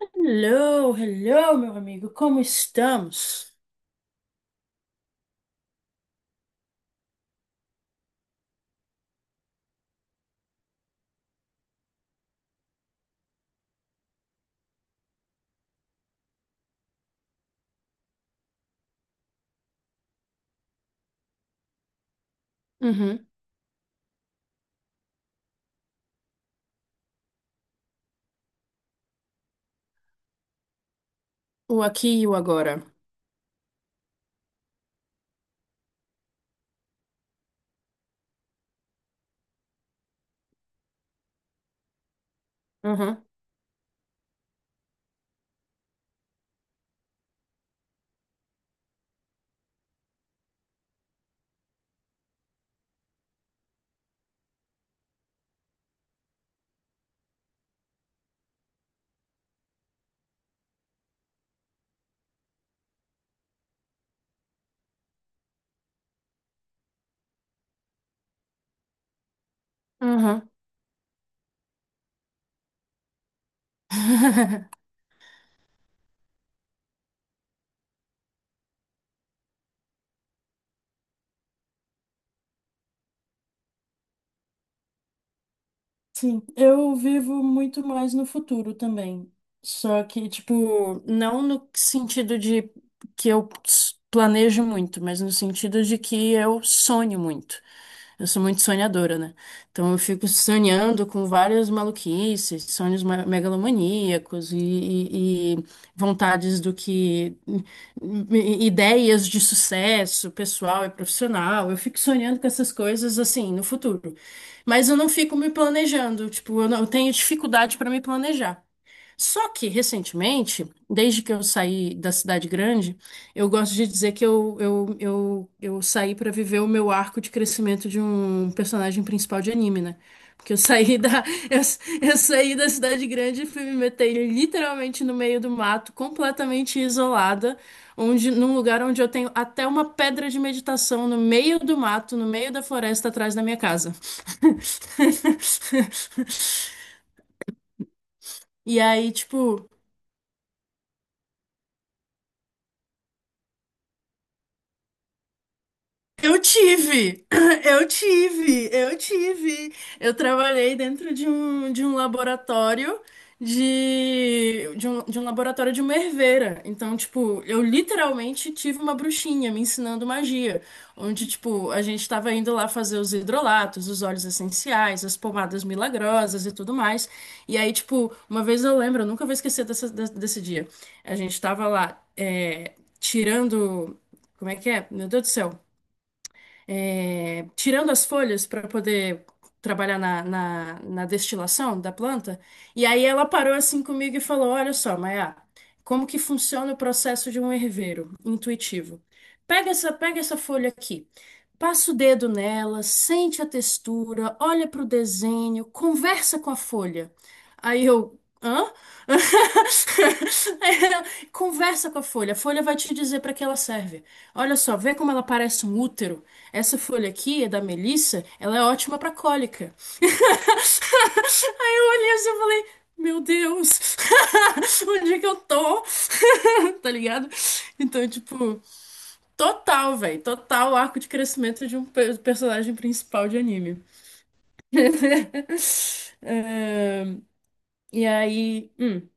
Hello, hello, meu amigo, como estamos? Uhum. O aqui e o agora. Uhum. Uhum. Sim, eu vivo muito mais no futuro também. Só que, tipo, não no sentido de planejo muito, mas no sentido de que eu sonho muito. Eu sou muito sonhadora, né? Então eu fico sonhando com várias maluquices, megalomaníacos e vontades do que. Ideias de sucesso pessoal e profissional. Eu fico sonhando com essas coisas assim no futuro. Mas eu não fico me planejando, tipo, eu não- eu tenho dificuldade para me planejar. Só que, recentemente, desde que eu saí da cidade grande, eu gosto de dizer que eu saí para viver o meu arco de crescimento de um personagem principal de anime, né? Porque eu saí da, eu, eu saí da cidade grande e fui me meter literalmente no meio do mato, completamente isolada, onde, num lugar onde eu tenho até uma pedra de meditação no meio do mato, no meio da floresta, atrás da minha casa. E aí, tipo. Eu tive, eu tive. Eu trabalhei dentro de um laboratório de um laboratório de uma herveira. Então, tipo, eu literalmente tive uma bruxinha me ensinando magia, onde, tipo, a gente estava indo lá fazer os hidrolatos, os óleos essenciais, as pomadas milagrosas e tudo mais. E aí, tipo, uma vez eu lembro, eu nunca vou esquecer desse dia. A gente tava lá, é, tirando. Como é que é? Meu Deus do céu, é, tirando as folhas para poder trabalhar na destilação da planta. E aí ela parou assim comigo e falou: Olha só, Maia, como que funciona o processo de um herveiro intuitivo? Pega essa folha aqui. Passa o dedo nela, sente a textura, olha para o desenho, conversa com a folha. Aí eu, hã? Aí ela, conversa com a folha vai te dizer para que ela serve. Olha só, vê como ela parece um útero. Essa folha aqui é da Melissa, ela é ótima pra cólica. Aí eu olhei assim e falei, meu Deus, onde é que eu tô? Tá ligado? Então, tipo, total, velho, total arco de crescimento de personagem principal de anime. Ahn, e aí,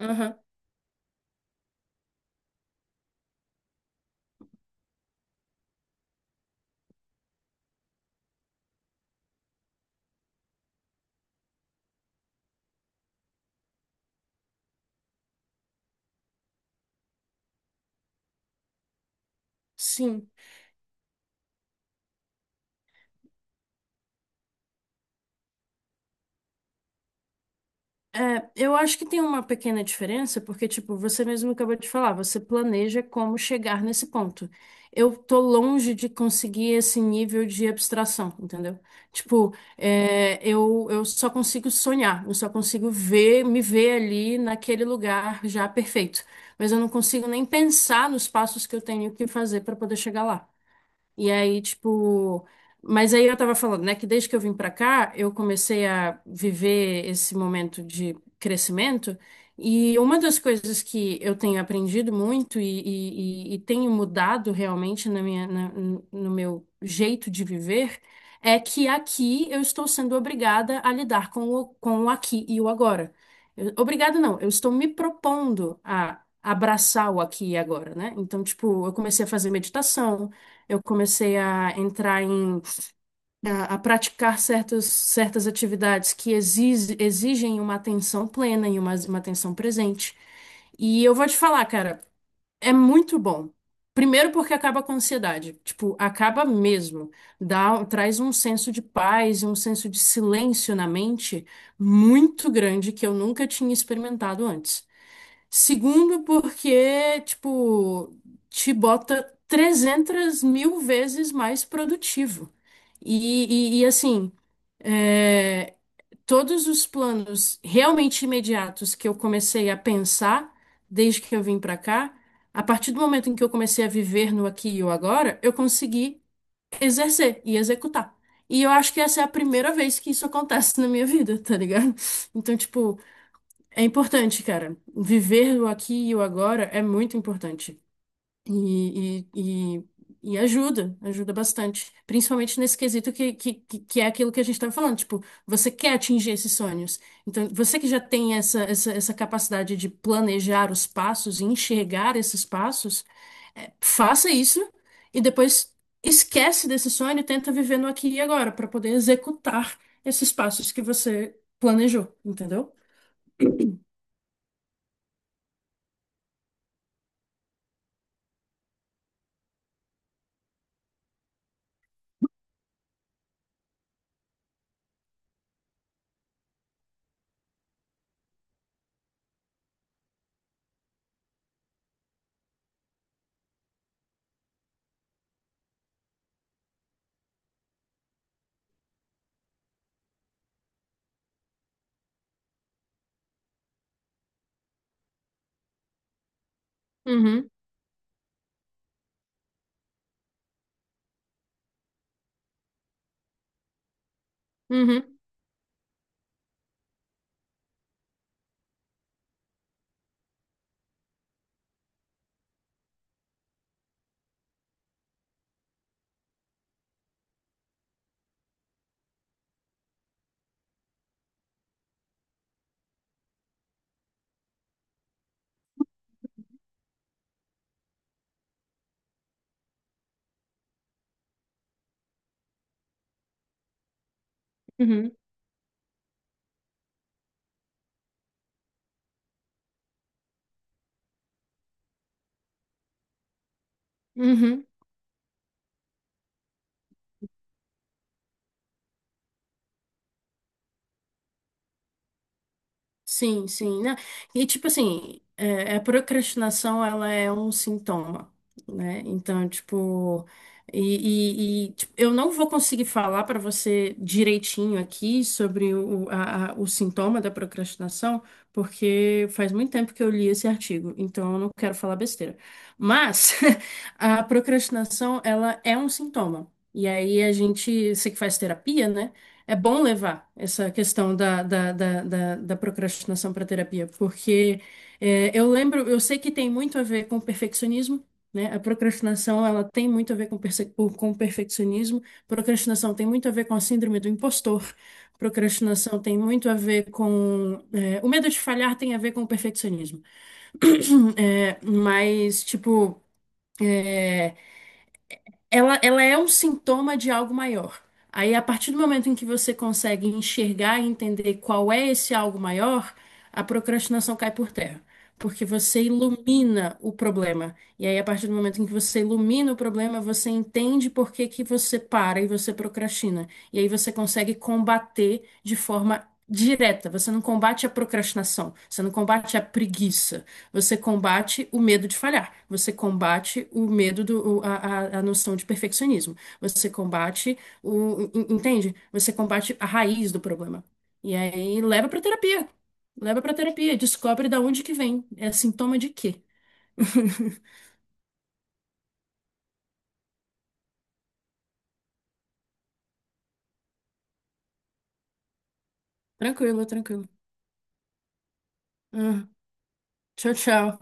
aham, sim. É, eu acho que tem uma pequena diferença, porque, tipo, você mesmo acabou de falar, você planeja como chegar nesse ponto. Eu tô longe de conseguir esse nível de abstração, entendeu? Tipo, é, eu só consigo sonhar, eu só consigo ver, me ver ali naquele lugar já perfeito. Mas eu não consigo nem pensar nos passos que eu tenho que fazer para poder chegar lá. E aí, tipo. Mas aí eu tava falando, né, que desde que eu vim pra cá, eu comecei a viver esse momento de crescimento. E uma das coisas que eu tenho aprendido muito e tenho mudado realmente na minha, no meu jeito de viver é que aqui eu estou sendo obrigada a lidar com o aqui e o agora. Eu- Obrigada, não, eu estou me propondo a abraçar o aqui e agora, né? Então, tipo, eu comecei a fazer meditação. Eu comecei a entrar em a praticar certas atividades exigem uma atenção plena e uma atenção presente. E eu vou te falar, cara, é muito bom. Primeiro porque acaba com a ansiedade, tipo, acaba mesmo. Dá, traz um senso de paz e um senso de silêncio na mente muito grande que eu nunca tinha experimentado antes. Segundo, porque, tipo, te bota 300 mil vezes mais produtivo. Assim, é, todos os planos realmente imediatos que eu comecei a pensar desde que eu vim pra cá, a partir do momento em que eu comecei a viver no aqui e o agora, eu consegui exercer e executar. E eu acho que essa é a primeira vez que isso acontece na minha vida, tá ligado? Então, tipo, é importante, cara. Viver o aqui e o agora é muito importante. E, e, e, e ajuda, ajuda bastante. Principalmente nesse quesito que que é aquilo que a gente estava falando. Tipo, você quer atingir esses sonhos. Então, você que já tem essa capacidade de planejar os passos e enxergar esses passos, é, faça isso e depois esquece desse sonho e tenta viver no aqui e agora, para poder executar esses passos que você planejou, entendeu? Uhum, uhum. Uhum, uhum. Sim, sim, né? E tipo assim, é, a procrastinação, ela é um sintoma, né? Então, tipo, tipo, eu não vou conseguir falar para você direitinho aqui sobre o sintoma da procrastinação, porque faz muito tempo que eu li esse artigo, então eu não quero falar besteira. Mas a procrastinação, ela é um sintoma. E aí a gente, você que faz terapia, né? É bom levar essa questão da procrastinação para terapia, porque é, eu lembro, eu sei que tem muito a ver com perfeccionismo, né? A procrastinação, ela tem muito a ver com, com perfeccionismo, procrastinação tem muito a ver com a síndrome do impostor, procrastinação tem muito a ver com... é, o medo de falhar tem a ver com o perfeccionismo. É, mas, tipo... ela é um sintoma de algo maior. Aí, a partir do momento em que você consegue enxergar e entender qual é esse algo maior, a procrastinação cai por terra. Porque você ilumina o problema. E aí, a partir do momento em que você ilumina o problema, você entende por que que você para e você procrastina. E aí você consegue combater de forma direta. Você não combate a procrastinação, você não combate a preguiça. Você combate o medo de falhar, você combate o medo a noção de perfeccionismo, você combate entende? Você combate a raiz do problema. E aí leva pra terapia. Leva pra terapia, descobre da onde que vem. É sintoma de quê? Tranquilo, tranquilo. Ah, tchau, tchau.